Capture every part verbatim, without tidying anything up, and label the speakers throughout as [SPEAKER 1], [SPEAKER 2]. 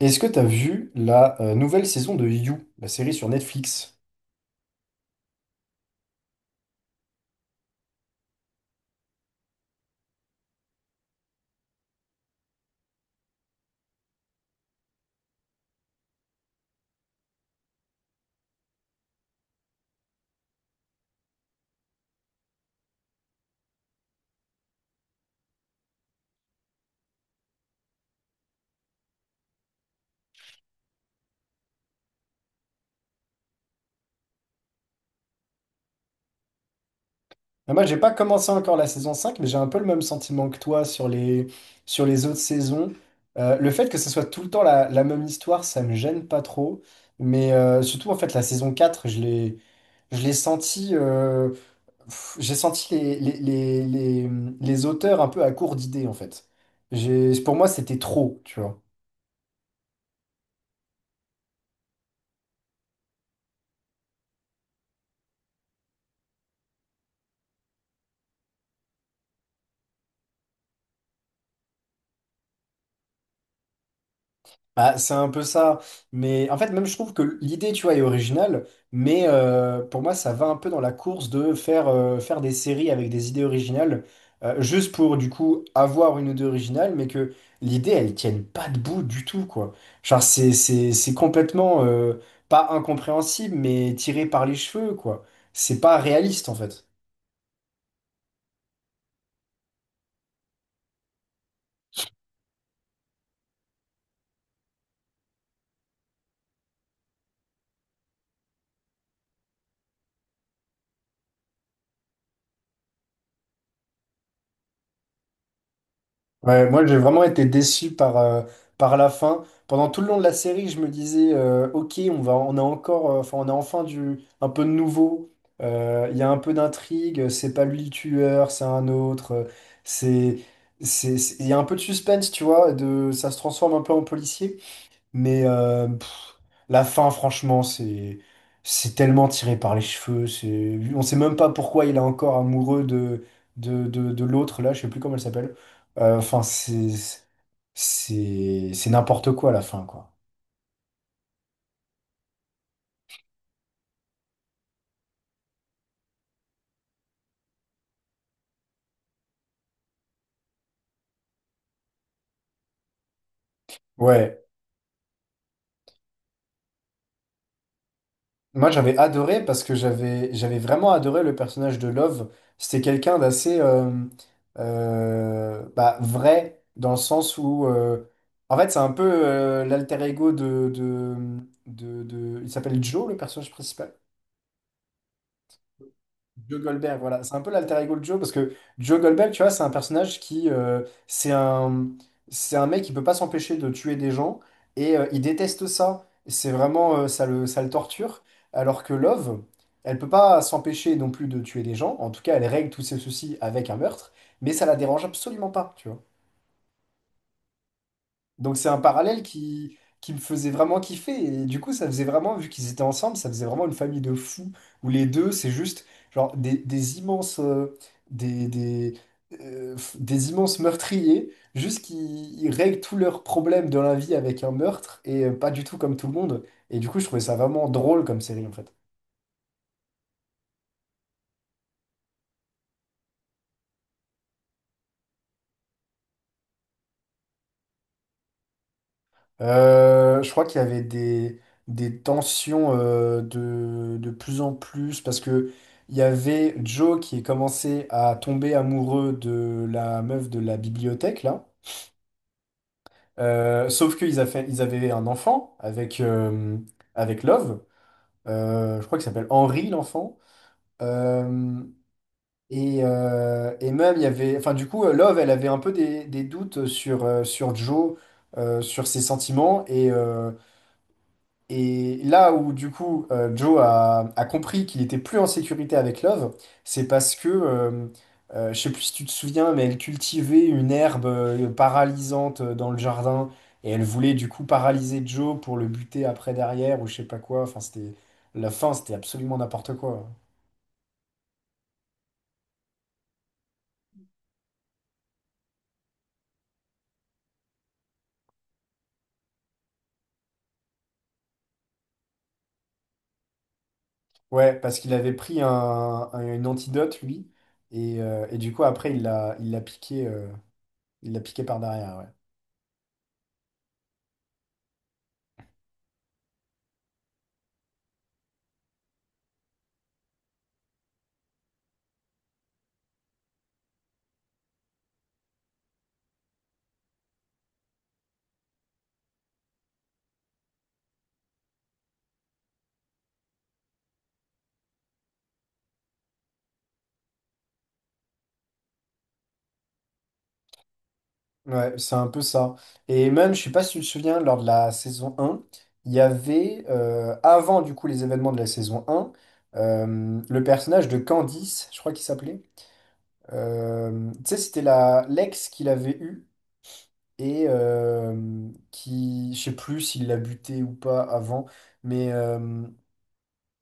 [SPEAKER 1] Est-ce que t'as vu la euh, nouvelle saison de You, la série sur Netflix? Ah, moi, j'ai pas commencé encore la saison cinq, mais j'ai un peu le même sentiment que toi sur les, sur les autres saisons. Euh, le fait que ce soit tout le temps la, la même histoire, ça me gêne pas trop. Mais euh, surtout, en fait, la saison quatre, je l'ai, je l'ai senti, euh, pff, j'ai senti les, les, les, les, les auteurs un peu à court d'idées, en fait. J'ai, pour moi, c'était trop, tu vois. Bah, c'est un peu ça. Mais en fait, même je trouve que l'idée, tu vois, est originale. Mais euh, pour moi, ça va un peu dans la course de faire, euh, faire des séries avec des idées originales, euh, juste pour du coup avoir une idée originale, mais que l'idée, elle tienne pas debout du tout, quoi. Genre, c'est, c'est, c'est complètement euh, pas incompréhensible, mais tiré par les cheveux, quoi. C'est pas réaliste, en fait. Ouais, moi j'ai vraiment été déçu par, euh, par la fin. Pendant tout le long de la série, je me disais euh, ok, on va, on a encore, euh, enfin on a enfin du un peu de nouveau. Euh, Il y a un peu d'intrigue. euh, C'est pas lui le tueur, c'est un autre. euh, C'est, c'est, c'est- il y a un peu de suspense, tu vois. De, ça se transforme un peu en policier. Mais euh, pff, la fin, franchement, c'est c'est tellement tiré par les cheveux. C'est, on sait même pas pourquoi il est encore amoureux de de, de, de l'autre là. Je sais plus comment elle s'appelle. Euh, Enfin, c'est c'est c'est n'importe quoi la fin, quoi. Ouais. Moi, j'avais adoré parce que j'avais j'avais vraiment adoré le personnage de Love. C'était quelqu'un d'assez euh, euh, bah, vrai dans le sens où euh, en fait c'est un peu euh, l'alter ego de, de, de, de- il s'appelle Joe le personnage principal. Joe Goldberg, voilà. C'est un peu l'alter ego de Joe, parce que Joe Goldberg, tu vois, c'est un personnage qui... euh, c'est un, c'est un mec qui peut pas s'empêcher de tuer des gens, et euh, il déteste ça. C'est vraiment... euh, ça le, ça le torture. Alors que Love, elle peut pas s'empêcher non plus de tuer des gens. En tout cas, elle règle tous ses soucis avec un meurtre, mais ça la dérange absolument pas, tu vois. Donc c'est un parallèle qui, qui me faisait vraiment kiffer. Et du coup, ça faisait vraiment, vu qu'ils étaient ensemble, ça faisait vraiment une famille de fous, où les deux, c'est juste genre des, des immenses, euh, des, des, euh, f- des immenses meurtriers, juste qui ils règlent tous leurs problèmes de la vie avec un meurtre, et euh, pas du tout comme tout le monde. Et du coup, je trouvais ça vraiment drôle comme série, en fait. Euh, je crois qu'il y avait des, des tensions euh, de, de plus en plus parce que il y avait Joe qui commençait à tomber amoureux de la meuf de la bibliothèque là. Euh, sauf qu'ils a fait, ils avaient un enfant avec, euh, avec Love. Euh, je crois qu'il s'appelle Henry l'enfant. Euh, et, euh, et même il y avait, enfin du coup euh, Love elle avait un peu des, des doutes sur, euh, sur Joe, euh, sur ses sentiments et euh, Et là où du coup euh, Joe a, a compris qu'il était plus en sécurité avec Love, c'est parce que, euh, euh, je sais plus si tu te souviens, mais elle cultivait une herbe euh, paralysante euh, dans le jardin et elle voulait du coup paralyser Joe pour le buter après derrière ou je sais pas quoi. Enfin, c'était la fin, c'était absolument n'importe quoi. Ouais, parce qu'il avait pris un, un- une antidote lui et, euh, et du coup après il l'a il l'a piqué euh, il l'a piqué par derrière. Ouais. Ouais, c'est un peu ça. Et même, je sais pas si tu te souviens, lors de la saison un il y avait, euh, avant du coup les événements de la saison un euh, le personnage de Candice, je crois qu'il s'appelait. Euh, tu sais, c'était la l'ex qu'il avait eu et euh, qui, je sais plus s'il l'a buté ou pas avant, mais euh,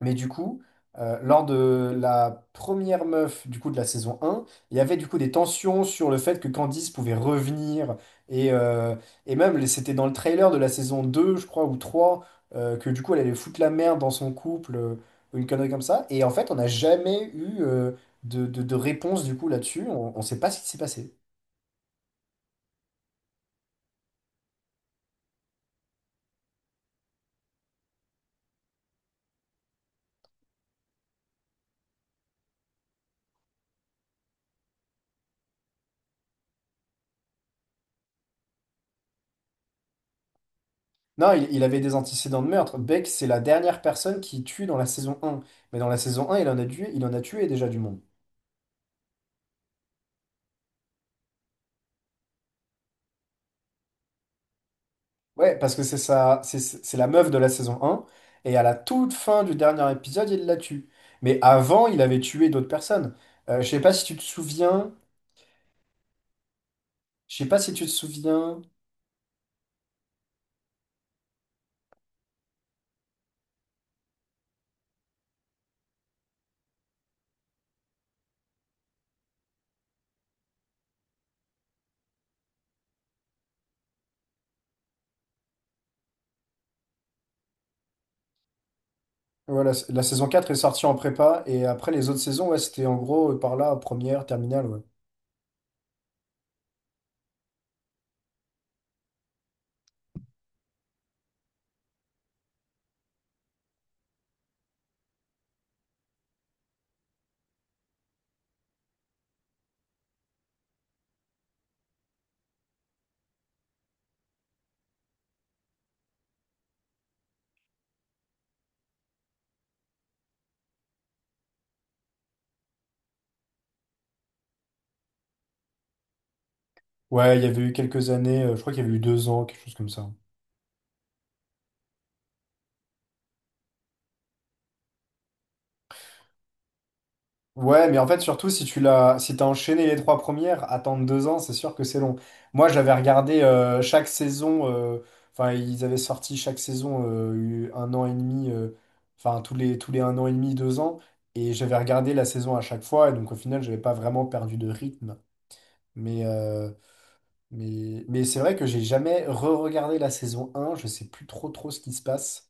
[SPEAKER 1] mais du coup, euh, lors de la première meuf du coup de la saison un, il y avait du coup des tensions sur le fait que Candice pouvait revenir. Et, euh, et même, les- c'était dans le trailer de la saison deux, je crois, ou trois, euh, que du coup, elle allait foutre la merde dans son couple, euh, ou une connerie comme ça. Et en fait, on n'a jamais eu euh, de, de- de réponse du coup là-dessus. On ne sait pas ce qui s'est passé. Non, il, il avait des antécédents de meurtre. Beck, c'est la dernière personne qui tue dans la saison un. Mais dans la saison un, il en a tué, il en a tué déjà du monde. Ouais, parce que c'est ça, c'est c'est la meuf de la saison un, et à la toute fin du dernier épisode, il la tue. Mais avant, il avait tué d'autres personnes. Euh, je sais pas si tu te souviens, je sais pas si tu te souviens, voilà, la, la saison quatre est sortie en prépa, et après les autres saisons, ouais, c'était en gros euh, par là, première, terminale, ouais. Ouais, il y avait eu quelques années, euh, je crois qu'il y avait eu deux ans, quelque chose comme ça. Ouais, mais en fait, surtout si tu l'as, si t'as enchaîné les trois premières, attendre deux ans, c'est sûr que c'est long. Moi, j'avais regardé euh, chaque saison, euh, enfin, ils avaient sorti chaque saison euh, un an et demi, euh, enfin, tous les, tous les un an et demi, deux ans, et j'avais regardé la saison à chaque fois, et donc au final, j'avais pas vraiment perdu de rythme. Mais, euh, mais, mais c'est vrai que j'ai jamais re-regardé la saison un. Je sais plus trop trop ce qui se passe.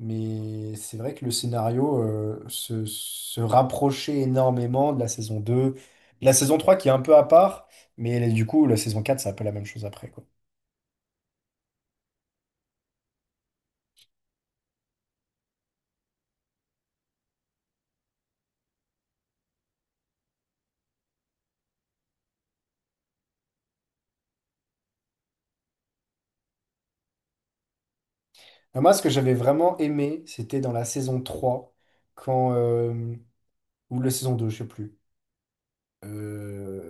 [SPEAKER 1] Mais c'est vrai que le scénario euh, se, se rapprochait énormément de la saison deux, de la saison trois qui est un peu à part, mais là, du coup, la saison quatre c'est un peu la même chose après, quoi. Alors moi, ce que j'avais vraiment aimé, c'était dans la saison trois quand, euh, ou la saison deux je sais plus. euh,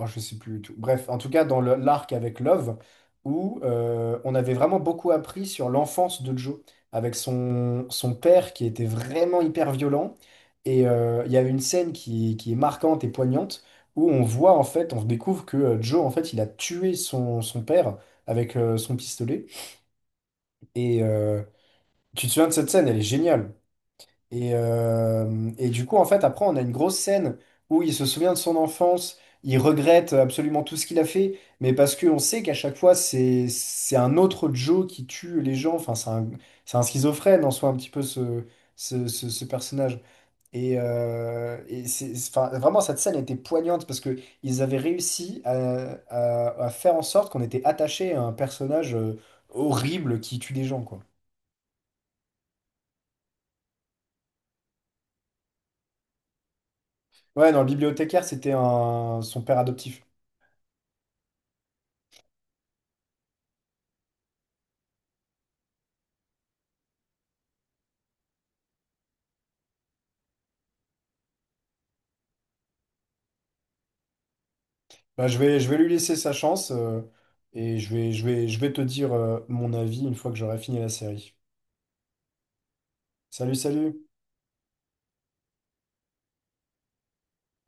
[SPEAKER 1] Oh, je sais plus du tout. Bref, en tout cas, dans le- l'arc avec Love, où euh, on avait vraiment beaucoup appris sur l'enfance de Joe, avec son, son père qui était vraiment hyper violent. Et euh, il y a une scène qui, qui est marquante et poignante, où on voit, en fait, on découvre que euh, Joe, en fait, il a tué son, son père avec euh, son pistolet. Et euh, tu te souviens de cette scène, elle est géniale. Et, euh, et du coup, en fait, après, on a une grosse scène où il se souvient de son enfance, il regrette absolument tout ce qu'il a fait, mais parce qu'on sait qu'à chaque fois, c'est, c'est un autre Joe qui tue les gens. Enfin, c'est un, c'est un schizophrène en soi, un petit peu ce, ce, ce- ce personnage. Et, euh, et c'est, enfin, vraiment, cette scène était poignante parce que ils avaient réussi à, à- à faire en sorte qu'on était attaché à un personnage euh, horrible qui tue des gens, quoi. Ouais, dans le bibliothécaire, c'était un, son père adoptif. Bah, je vais, je vais lui laisser sa chance euh, et je vais, je vais, je vais te dire euh, mon avis une fois que j'aurai fini la série. Salut, salut!